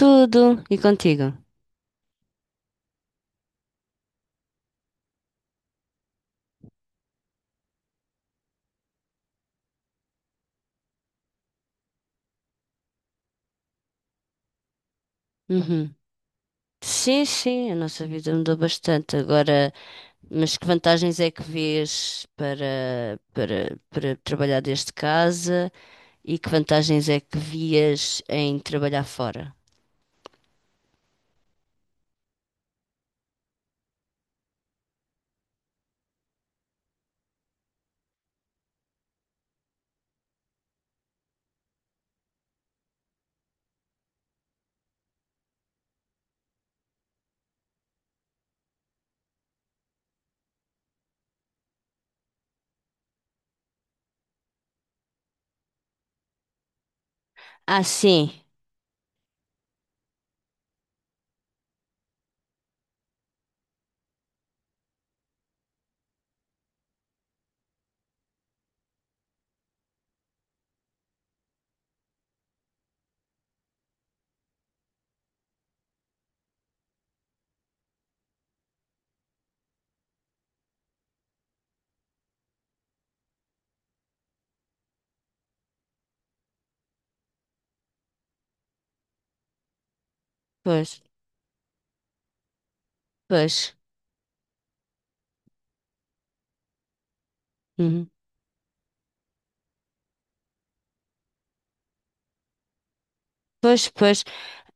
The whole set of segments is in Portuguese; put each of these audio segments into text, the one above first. Tudo. E contigo? Uhum. Sim, sim, a nossa vida mudou bastante. Agora, mas que vantagens é que vês para trabalhar desde casa e que vantagens é que vias em trabalhar fora? Ah, sim. Pois, pois. Uhum. Pois, pois.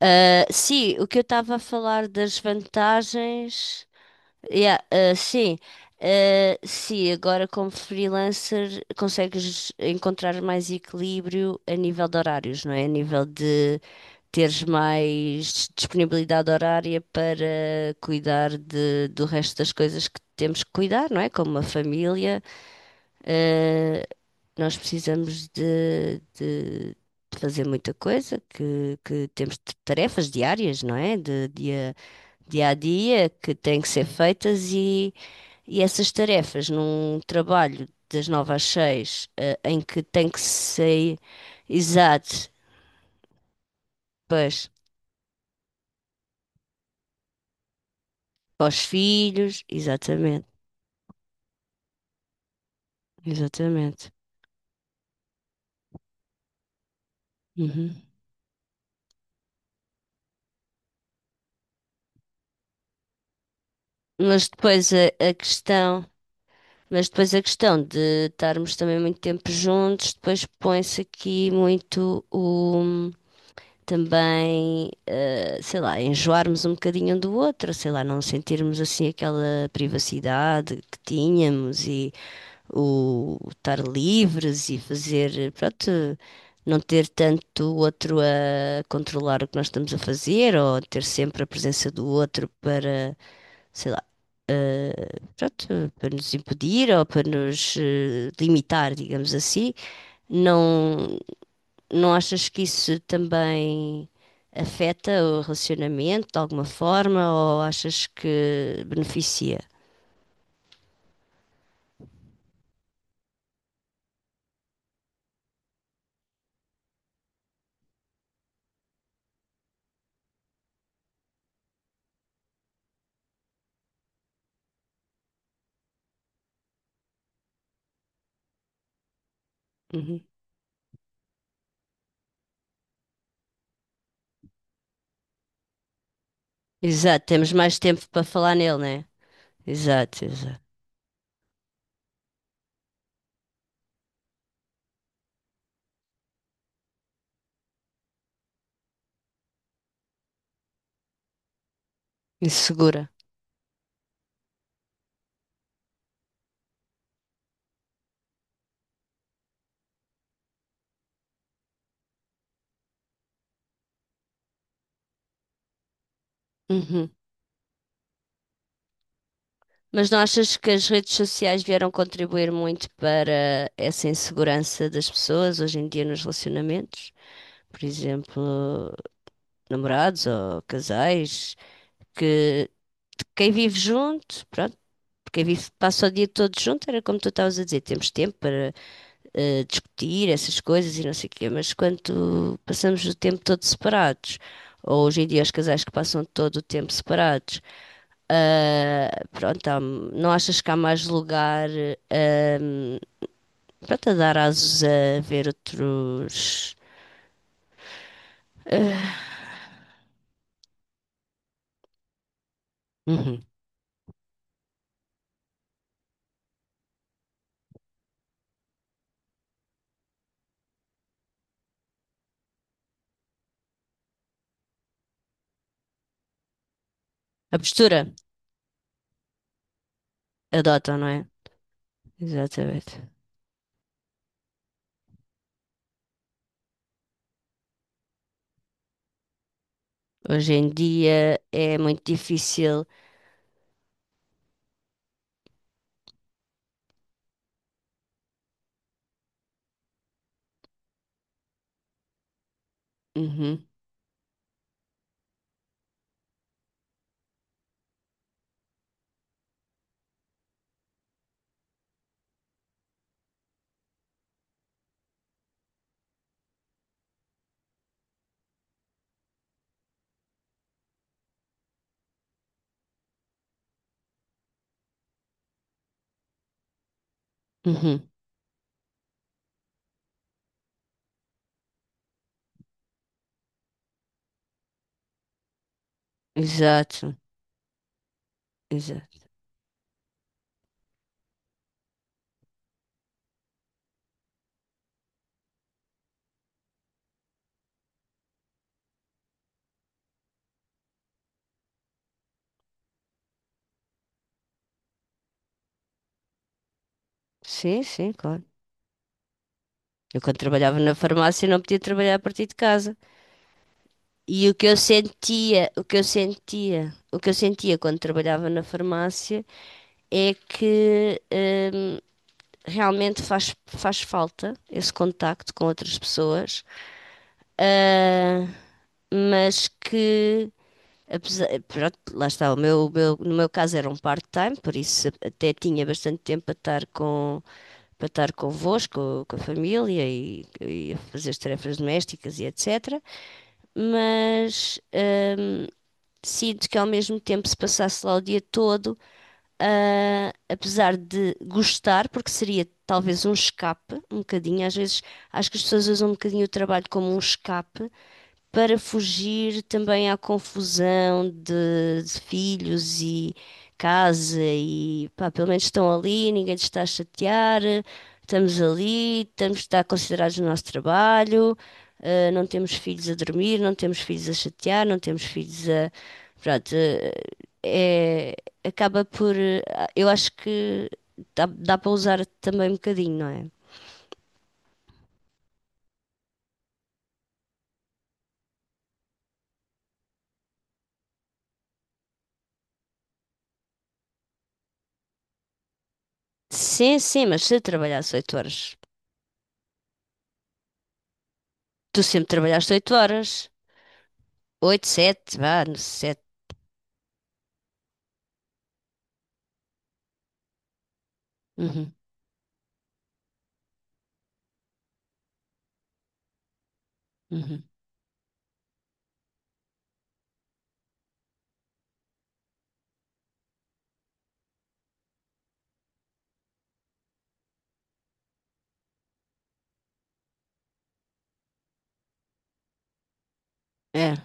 Ah, sim, o que eu estava a falar das vantagens. Yeah, sim. Sim, agora como freelancer consegues encontrar mais equilíbrio a nível de horários, não é? A nível de teres mais disponibilidade horária para cuidar de, do resto das coisas que temos que cuidar, não é? Como a família, eh, nós precisamos de, de fazer muita coisa, que temos tarefas diárias, não é? Dia a dia que têm que ser feitas e essas tarefas num trabalho das 9 às 6, em que tem que ser exato, pois, para os filhos, exatamente, exatamente. Uhum. Mas depois a, a questão, mas depois a questão de estarmos também muito tempo juntos, depois põe-se aqui muito também, sei lá, enjoarmos um bocadinho um do outro, sei lá, não sentirmos assim aquela privacidade que tínhamos e o estar livres e fazer, pronto, não ter tanto o outro a controlar o que nós estamos a fazer ou ter sempre a presença do outro para, sei lá, pronto, para nos impedir ou para nos limitar, digamos assim. Não. Não achas que isso também afeta o relacionamento de alguma forma ou achas que beneficia? Uhum. Exato, temos mais tempo para falar nele, né? Exato, exato. Insegura. Uhum. Mas não achas que as redes sociais vieram contribuir muito para essa insegurança das pessoas hoje em dia nos relacionamentos? Por exemplo, namorados ou casais, que quem vive junto, pronto, quem vive passa o dia todo junto, era como tu estavas a dizer, temos tempo para discutir essas coisas e não sei o quê, mas quando passamos o tempo todo separados, ou hoje em dia os casais que passam todo o tempo separados, ah, pronto, não achas que há mais lugar, ahm, pronto, a dar asos a ver outros. Uhum. A postura adotam, não é? Exatamente. Hoje em dia é muito difícil. Uhum, uhum. Exato, exato. Sim, sim, claro. Eu quando trabalhava na farmácia não podia trabalhar a partir de casa. E o que eu sentia quando trabalhava na farmácia é que realmente faz falta esse contacto com outras pessoas, ah, mas que, apesar, pronto, lá está, no meu caso era um part-time, por isso até tinha bastante tempo para estar com, para estar convosco, com a família e a fazer as tarefas domésticas e etc. Mas, ah, sinto que ao mesmo tempo, se passasse lá o dia todo, ah, apesar de gostar, porque seria talvez um escape, um bocadinho. Às vezes acho que as pessoas usam um bocadinho o trabalho como um escape, para fugir também à confusão de filhos e casa e pá, pelo menos estão ali, ninguém te está a chatear, estamos ali, estamos está considerados no nosso trabalho, não temos filhos a dormir, não temos filhos a chatear, não temos filhos a. Pronto, é, acaba por. Eu acho que dá para usar também um bocadinho, não é? Sim, sim, mas se trabalhasse 8 horas. Tu sempre trabalhaste 8 horas. Oito, sete, vá, no sete. Uhum, uhum. É.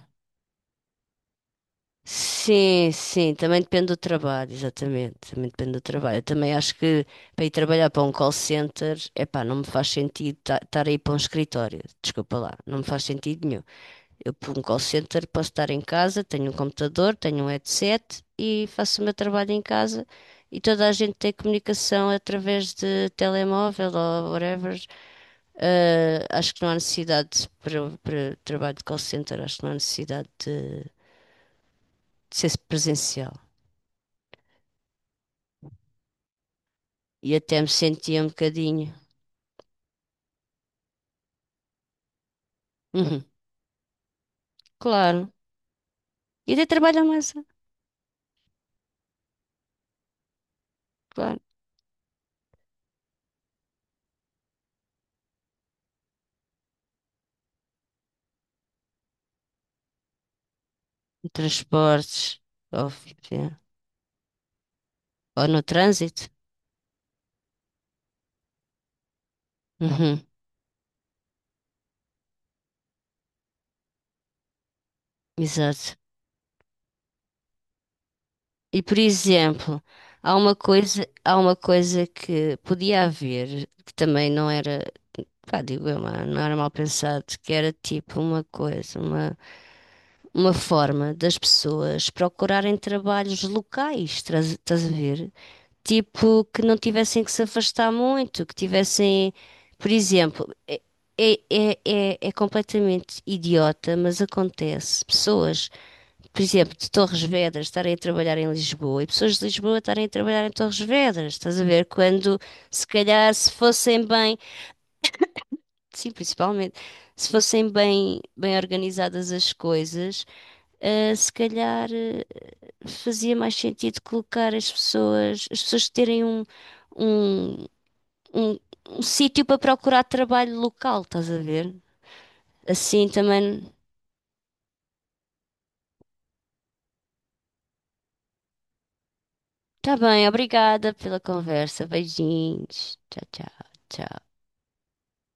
Sim, sim, também depende do trabalho, exatamente. Também depende do trabalho. Eu também acho que para ir trabalhar para um call center, epá, não me faz sentido estar aí para um escritório. Desculpa lá, não me faz sentido nenhum. Eu para um call center posso estar em casa, tenho um computador, tenho um headset e faço o meu trabalho em casa e toda a gente tem comunicação através de telemóvel ou whatever. Ah, acho que não há necessidade para trabalho de call center, acho que não há necessidade de ser presencial. E até me sentia um bocadinho. Uhum, claro. E até trabalho à massa, claro. Em transportes, óbvio, é. Ou no trânsito. Uhum, exato. E por exemplo, há uma coisa que podia haver, que também não era, pá, digo eu, não era mal pensado, que era tipo uma coisa, uma forma das pessoas procurarem trabalhos locais, estás a ver? Tipo, que não tivessem que se afastar muito, que tivessem, por exemplo, é completamente idiota, mas acontece. Pessoas, por exemplo, de Torres Vedras estarem a trabalhar em Lisboa e pessoas de Lisboa estarem a trabalhar em Torres Vedras, estás a ver? Quando, se calhar, se fossem bem, sim, principalmente, se fossem bem, bem organizadas as coisas. Se calhar fazia mais sentido colocar as pessoas terem um, um, um, um sítio para procurar trabalho local, estás a ver? Assim também. Tá bem, obrigada pela conversa. Beijinhos. Tchau, tchau, tchau.